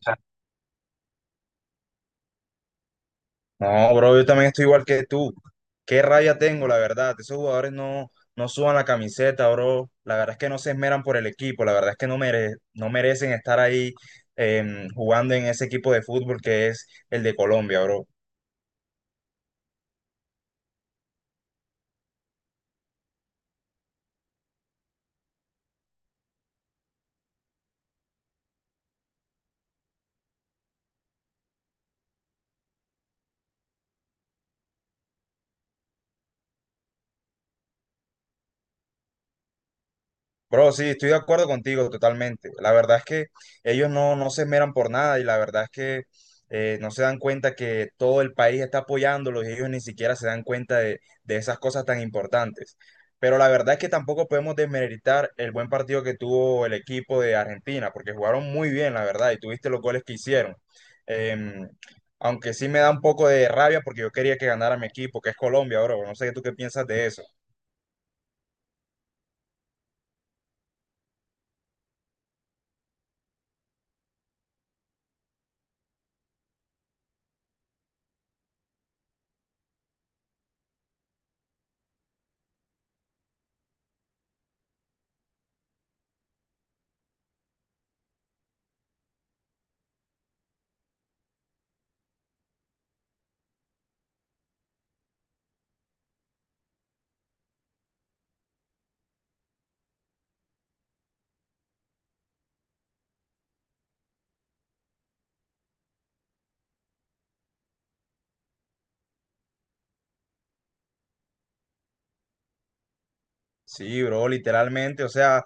sea, No, bro, yo también estoy igual que tú. Qué rabia tengo, la verdad. Esos jugadores no suban la camiseta, bro. La verdad es que no se esmeran por el equipo. La verdad es que no merecen estar ahí jugando en ese equipo de fútbol que es el de Colombia, bro. Bro, sí, estoy de acuerdo contigo totalmente. La verdad es que ellos no se esmeran por nada, y la verdad es que no se dan cuenta que todo el país está apoyándolos y ellos ni siquiera se dan cuenta de esas cosas tan importantes. Pero la verdad es que tampoco podemos desmeritar el buen partido que tuvo el equipo de Argentina, porque jugaron muy bien, la verdad, y tuviste los goles que hicieron. Em, Aunque sí me da un poco de rabia porque yo quería que ganara mi equipo, que es Colombia, bro. No sé tú qué piensas de eso. Sí, bro, literalmente, o sea.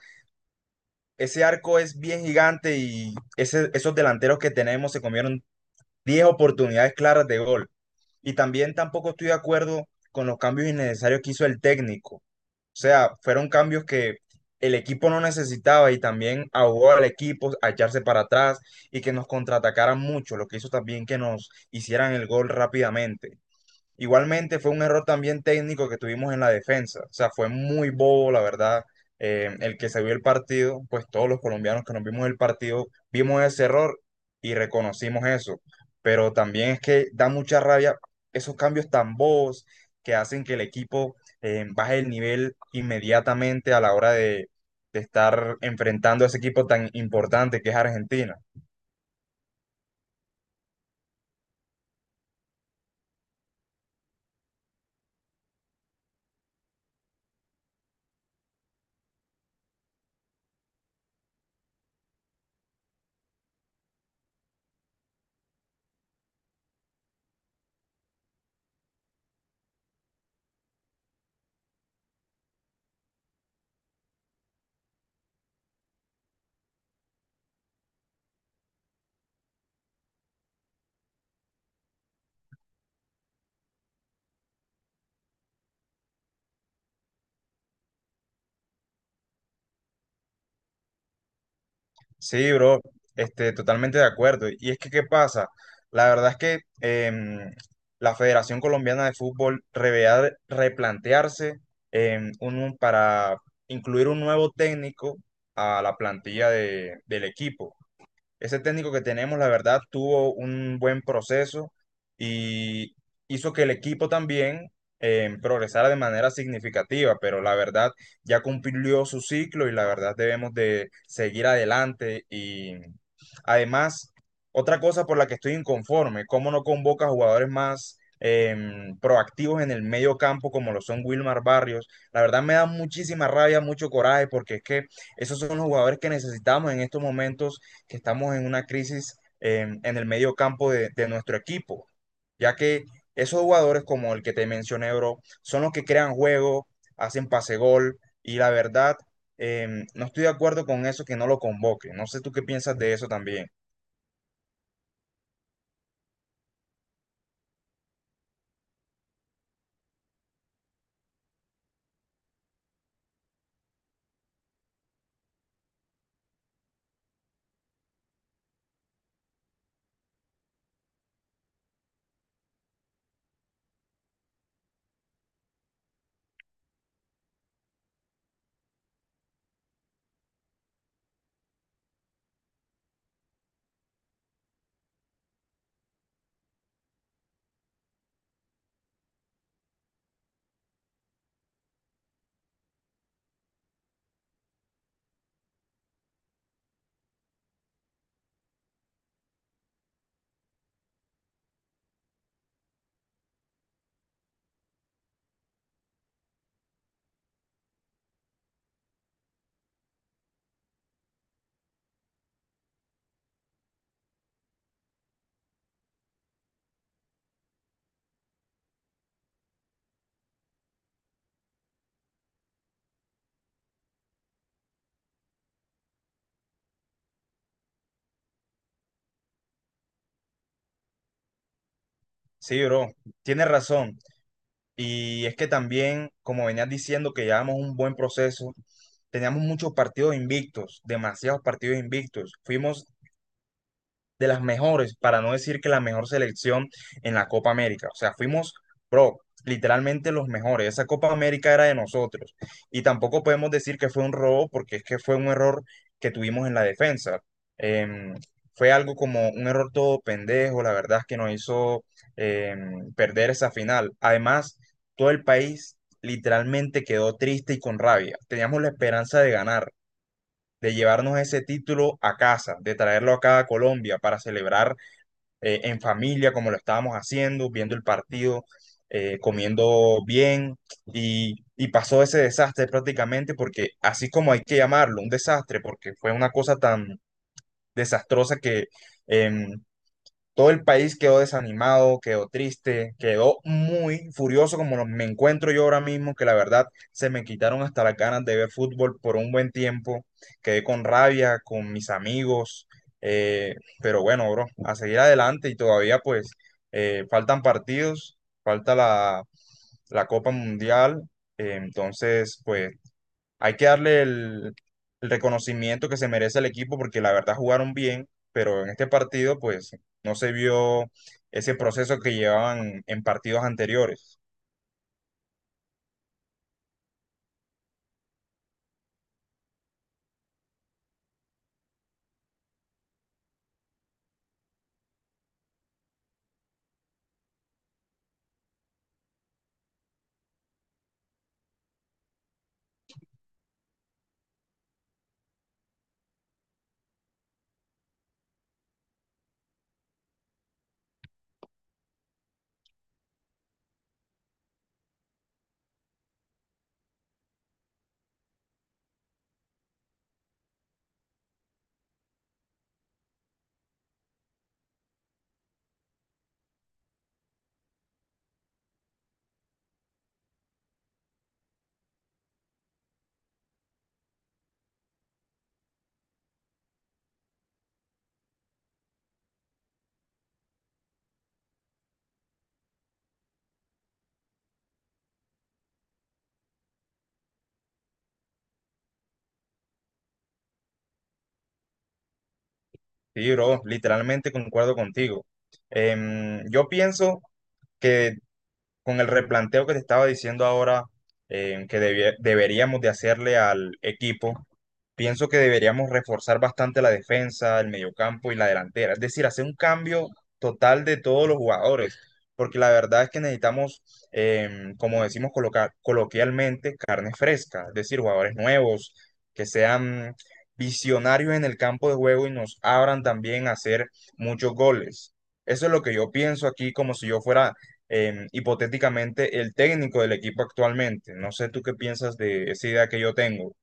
Ese arco es bien gigante y esos delanteros que tenemos se comieron 10 oportunidades claras de gol. Y también tampoco estoy de acuerdo con los cambios innecesarios que hizo el técnico. O sea, fueron cambios que el equipo no necesitaba, y también ahogó al equipo a echarse para atrás y que nos contraatacaran mucho, lo que hizo también que nos hicieran el gol rápidamente. Igualmente fue un error también técnico que tuvimos en la defensa. O sea, fue muy bobo, la verdad. El que se vio el partido, pues todos los colombianos que nos vimos el partido, vimos ese error y reconocimos eso. Pero también es que da mucha rabia esos cambios tan bobos que hacen que el equipo baje el nivel inmediatamente a la hora de estar enfrentando a ese equipo tan importante que es Argentina. Sí, bro, totalmente de acuerdo. Y es que, ¿qué pasa? La verdad es que la Federación Colombiana de Fútbol debería replantearse, para incluir un nuevo técnico a la plantilla del equipo. Ese técnico que tenemos, la verdad, tuvo un buen proceso, y hizo que el equipo también progresara de manera significativa, pero la verdad ya cumplió su ciclo y la verdad debemos de seguir adelante. Y además, otra cosa por la que estoy inconforme, cómo no convoca jugadores más proactivos en el medio campo como lo son Wilmar Barrios. La verdad me da muchísima rabia, mucho coraje, porque es que esos son los jugadores que necesitamos en estos momentos, que estamos en una crisis en el medio campo de nuestro equipo, ya que esos jugadores como el que te mencioné, bro, son los que crean juego, hacen pase gol, y la verdad, no estoy de acuerdo con eso que no lo convoque. No sé tú qué piensas de eso también. Sí, bro, tienes razón. Y es que también, como venías diciendo, que llevamos un buen proceso, teníamos muchos partidos invictos, demasiados partidos invictos. Fuimos de las mejores, para no decir que la mejor selección en la Copa América. O sea, fuimos, bro, literalmente los mejores. Esa Copa América era de nosotros. Y tampoco podemos decir que fue un robo, porque es que fue un error que tuvimos en la defensa. Em, fue algo como un error todo pendejo, la verdad es que nos hizo perder esa final. Además, todo el país literalmente quedó triste y con rabia. Teníamos la esperanza de ganar, de llevarnos ese título a casa, de traerlo acá a Colombia para celebrar en familia como lo estábamos haciendo, viendo el partido, comiendo bien, y pasó ese desastre prácticamente, porque así como hay que llamarlo un desastre, porque fue una cosa tan desastrosa que em, todo el país quedó desanimado, quedó triste, quedó muy furioso como me encuentro yo ahora mismo, que la verdad se me quitaron hasta las ganas de ver fútbol por un buen tiempo. Quedé con rabia, con mis amigos, eh, pero bueno, bro, a seguir adelante, y todavía pues faltan partidos, falta la Copa Mundial, entonces pues hay que darle el reconocimiento que se merece al equipo, porque la verdad jugaron bien, pero en este partido pues no se vio ese proceso que llevaban en partidos anteriores. Sí, bro, literalmente concuerdo contigo. Yo pienso que con el replanteo que te estaba diciendo ahora, que deberíamos de hacerle al equipo, pienso que deberíamos reforzar bastante la defensa, el mediocampo y la delantera. Es decir, hacer un cambio total de todos los jugadores, porque la verdad es que necesitamos, como decimos coloquialmente, carne fresca, es decir, jugadores nuevos, que sean visionarios en el campo de juego y nos abran también a hacer muchos goles. Eso es lo que yo pienso aquí, como si yo fuera hipotéticamente el técnico del equipo actualmente. No sé tú qué piensas de esa idea que yo tengo.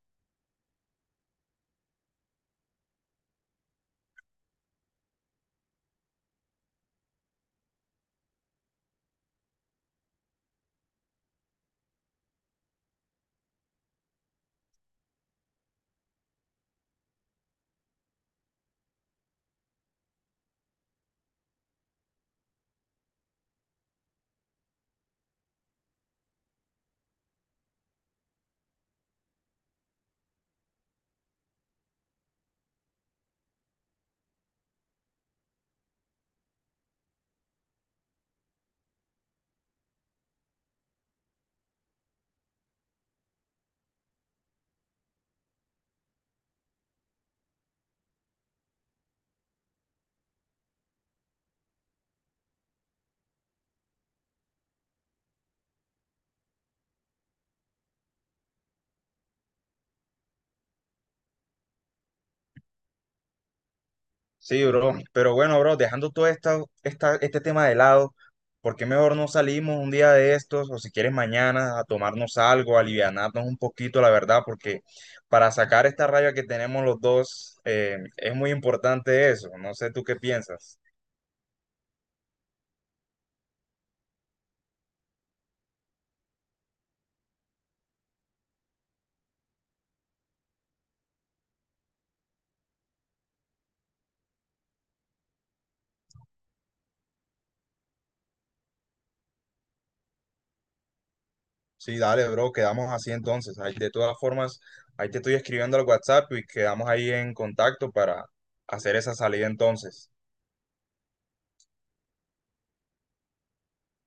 Sí, bro. Pero bueno, bro, dejando todo este tema de lado, ¿por qué mejor no salimos un día de estos, o si quieres mañana, a tomarnos algo, a alivianarnos un poquito, la verdad? Porque para sacar esta raya que tenemos los dos, es muy importante eso. No sé tú qué piensas. Sí, dale, bro, quedamos así entonces. Ahí, de todas formas, ahí te estoy escribiendo al WhatsApp y quedamos ahí en contacto para hacer esa salida entonces.